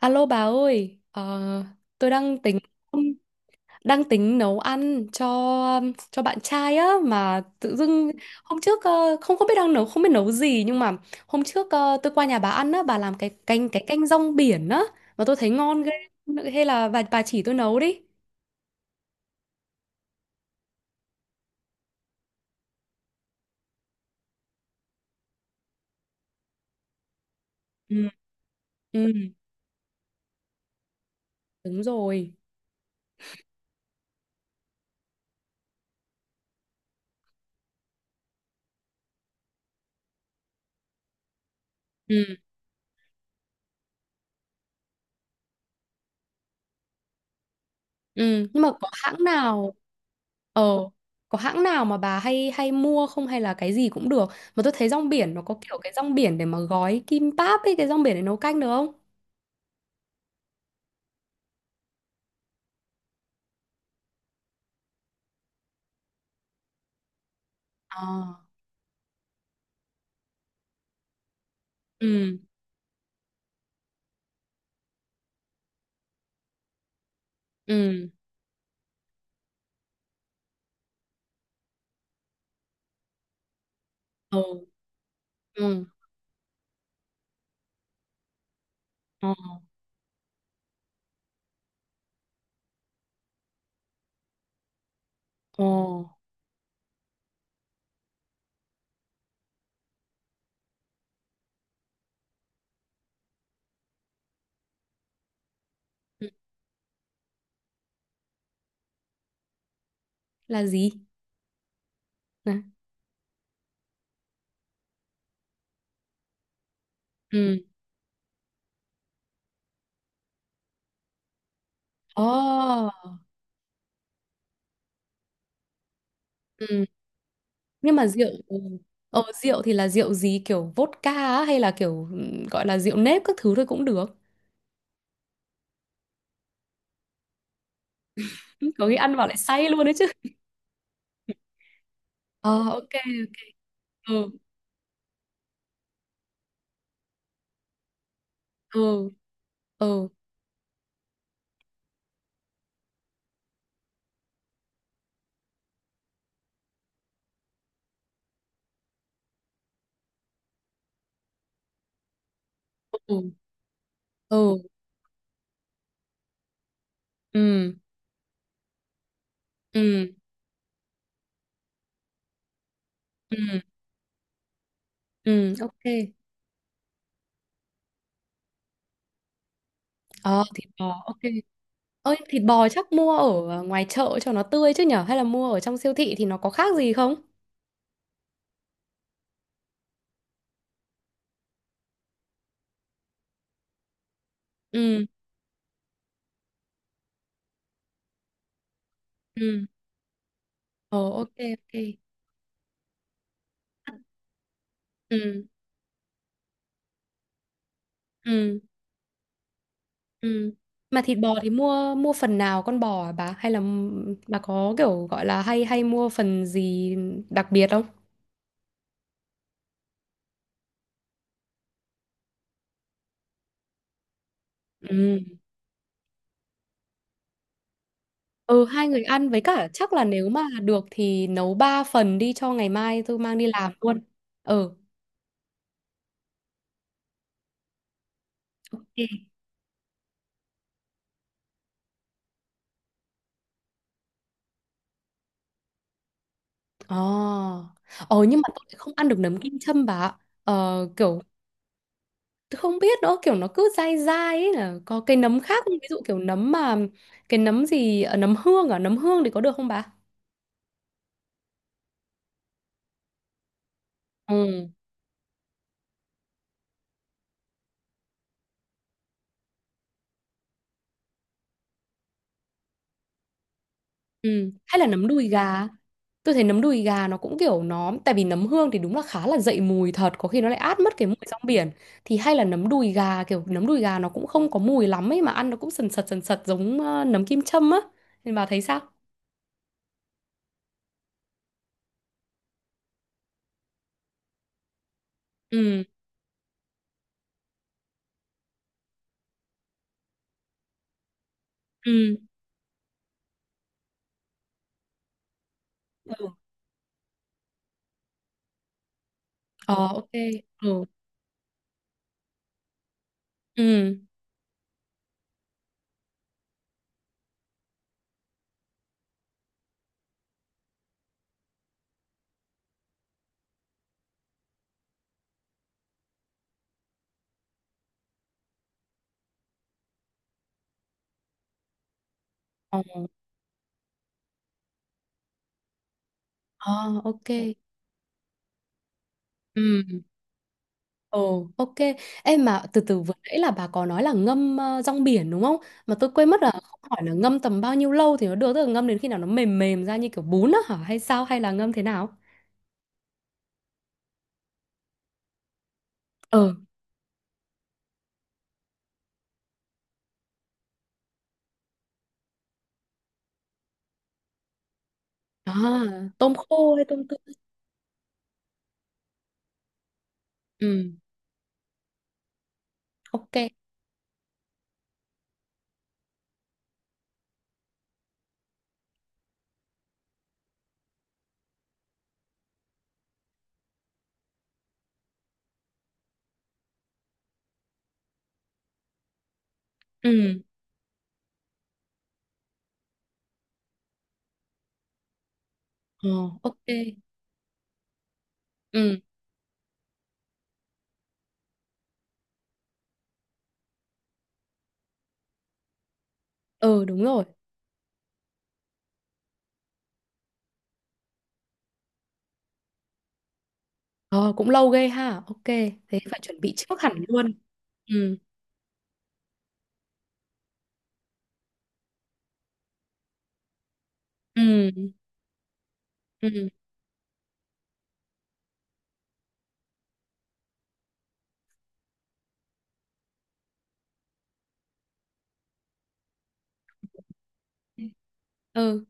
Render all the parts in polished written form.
Alo bà ơi, tôi đang tính nấu ăn cho bạn trai á, mà tự dưng hôm trước không không biết đang nấu, không biết nấu gì, nhưng mà hôm trước tôi qua nhà bà ăn á, bà làm cái canh rong biển á mà tôi thấy ngon ghê. Hay là bà chỉ tôi nấu đi. Ừ, ừ, đúng rồi. Ừ, nhưng mà có hãng nào ờ có hãng nào mà bà hay hay mua không, hay là cái gì cũng được? Mà tôi thấy rong biển nó có kiểu cái rong biển để mà gói kim páp ấy, cái rong biển để nấu canh được không? À. Ừ, ừ, ừ, ừ, ờ, ờ. Ừ. Là gì? Nè. Ừ. Ồ, ừ. Nhưng mà rượu ừ. Ờ rượu thì là rượu gì, kiểu vodka á, hay là kiểu ừ, gọi là rượu nếp các thứ thôi cũng được. Ừ, có khi ăn vào lại say luôn đấy chứ. Ờ, ok ok. Ừ. Ừ, ừ, ừ, ừ, ừ, ừ, ừ, ừ, ok. Ờ, thịt bò ok. Ơi thịt bò chắc mua ở ngoài chợ cho nó tươi chứ nhở, hay là mua ở trong siêu thị thì nó có khác gì không? Ừ, ừ, ờ, ok ok, ừ, ừ, ừ. Mà thịt bò thì mua mua phần nào con bò, à bà hay là bà có kiểu gọi là hay hay mua phần gì đặc biệt không? Ừ Ừ, hai người ăn, với cả chắc là nếu mà được thì nấu ba phần đi cho ngày mai tôi mang đi làm luôn. Ừ. Ok. Ồ. Ờ nhưng mà tôi lại không ăn được nấm kim châm bà ạ. Ờ kiểu tôi không biết nữa, kiểu nó cứ dai dai ấy, là có cái nấm khác không? Ví dụ kiểu nấm mà cái nấm gì nấm hương, à, nấm hương thì có được không bà? Ừ. Ừ. Hay là nấm đùi gà. Tôi thấy nấm đùi gà nó cũng kiểu nó. Tại vì nấm hương thì đúng là khá là dậy mùi thật, có khi nó lại át mất cái mùi rong biển. Thì hay là nấm đùi gà, kiểu nấm đùi gà nó cũng không có mùi lắm ấy, mà ăn nó cũng sần sật giống nấm kim châm á. Nên bà thấy sao? Ừ. Ừ. Ờ, ok. Ừ. Ừ. Ờ, ờ, ok. Ừ. Ồ, ok. Em mà từ từ, vừa nãy là bà có nói là ngâm rong biển đúng không? Mà tôi quên mất là không hỏi là ngâm tầm bao nhiêu lâu thì nó được, tức là ngâm đến khi nào nó mềm mềm ra như kiểu bún á hả? Hay sao? Hay là ngâm thế nào? Ờ, à, tôm khô hay tôm tươi? Ừ, ok. Ừ, ờ, ok. Ừ, ừ đúng rồi. Ờ, cũng lâu ghê ha. Ok, thế phải chuẩn bị trước hẳn luôn. Ừ, ừ, ừ, ừ, ừ,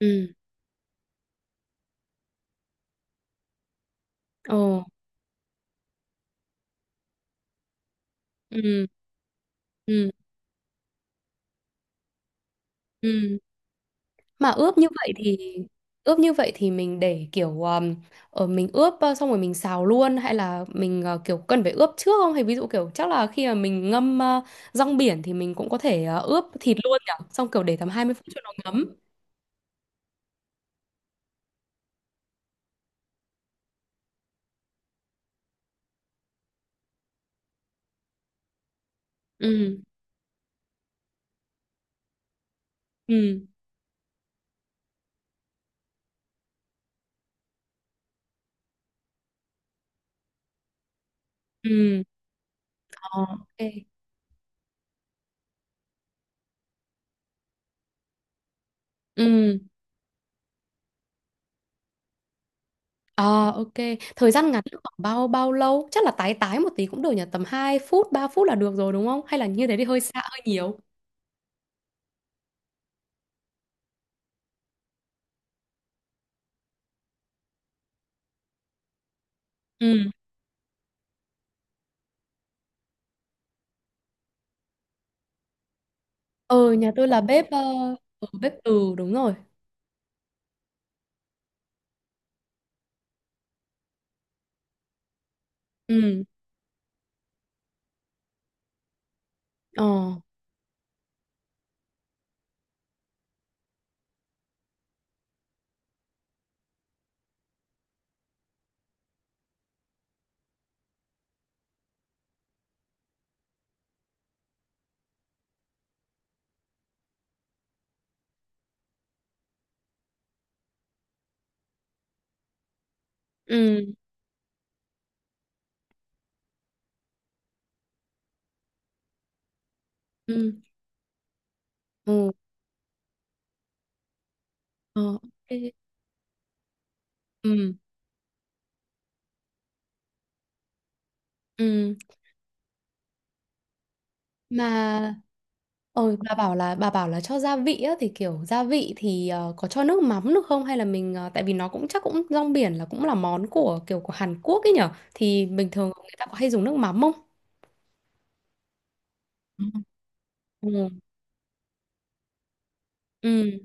ừ, ồ, ừ, ừ. Ừ. Mà ướp như vậy thì ướp như vậy thì mình để kiểu ở mình ướp xong rồi mình xào luôn, hay là mình kiểu cần phải ướp trước không? Hay ví dụ kiểu chắc là khi mà mình ngâm rong biển thì mình cũng có thể ướp thịt luôn nhỉ? Xong kiểu để tầm 20 phút cho nó ngấm. Ừ. Ừ. Ừ. Ờ, ok. Ừ. Ờ, ok. Thời gian ngắn khoảng bao bao lâu? Chắc là tái tái một tí cũng được nhỉ? Tầm 2 phút, 3 phút là được rồi đúng không? Hay là như thế thì hơi xa hơi nhiều. Ừ. Ừ, nhà tôi là bếp ừ, bếp từ đúng rồi. Ừ, ờ, ừ, ừ, ừ, ờ, ok. Ừ, ừ, mà ôi bà bảo là cho gia vị á, thì kiểu gia vị thì có cho nước mắm được không, hay là mình ờ, tại vì nó cũng chắc cũng rong biển là cũng là món của kiểu của Hàn Quốc ấy nhở, thì bình thường người ta có hay dùng nước mắm không? Ừ. Ừ, ừ,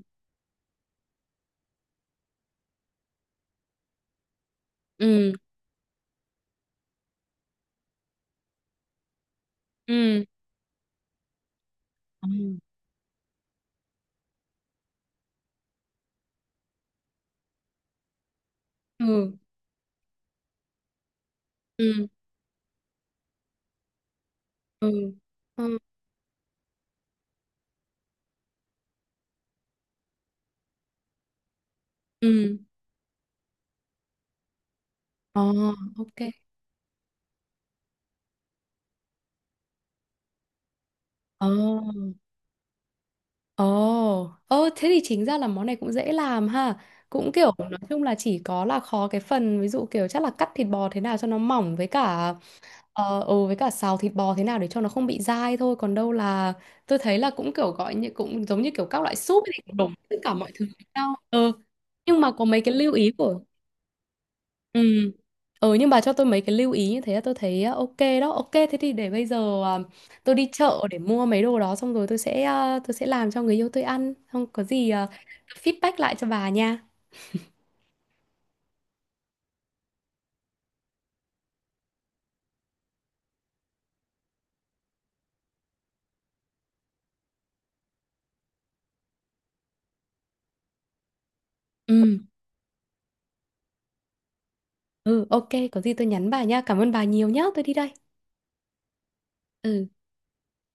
ừ, ừ. Ừ. Ừ, ừ, ừ, ừ, ừ, ờ, ok, ờ. Ồ, ơ thế thì chính ra là món này cũng dễ làm ha. Cũng kiểu nói chung là chỉ có là khó cái phần ví dụ kiểu chắc là cắt thịt bò thế nào cho nó mỏng, với cả ờ, ừ, với cả xào thịt bò thế nào để cho nó không bị dai thôi. Còn đâu là tôi thấy là cũng kiểu gọi như cũng giống như kiểu các loại súp thì cũng đổ tất cả mọi thứ với nhau. Ừ. Nhưng mà có mấy cái lưu ý của— Ừ. Ừ nhưng bà cho tôi mấy cái lưu ý như thế là tôi thấy ok đó. Ok thế thì để bây giờ tôi đi chợ để mua mấy đồ đó xong rồi tôi sẽ tôi sẽ làm cho người yêu tôi ăn. Không có gì feedback lại cho bà nha. Ừ. Ừ ok có gì tôi nhắn bà nha. Cảm ơn bà nhiều nhá. Tôi đi đây. Ừ.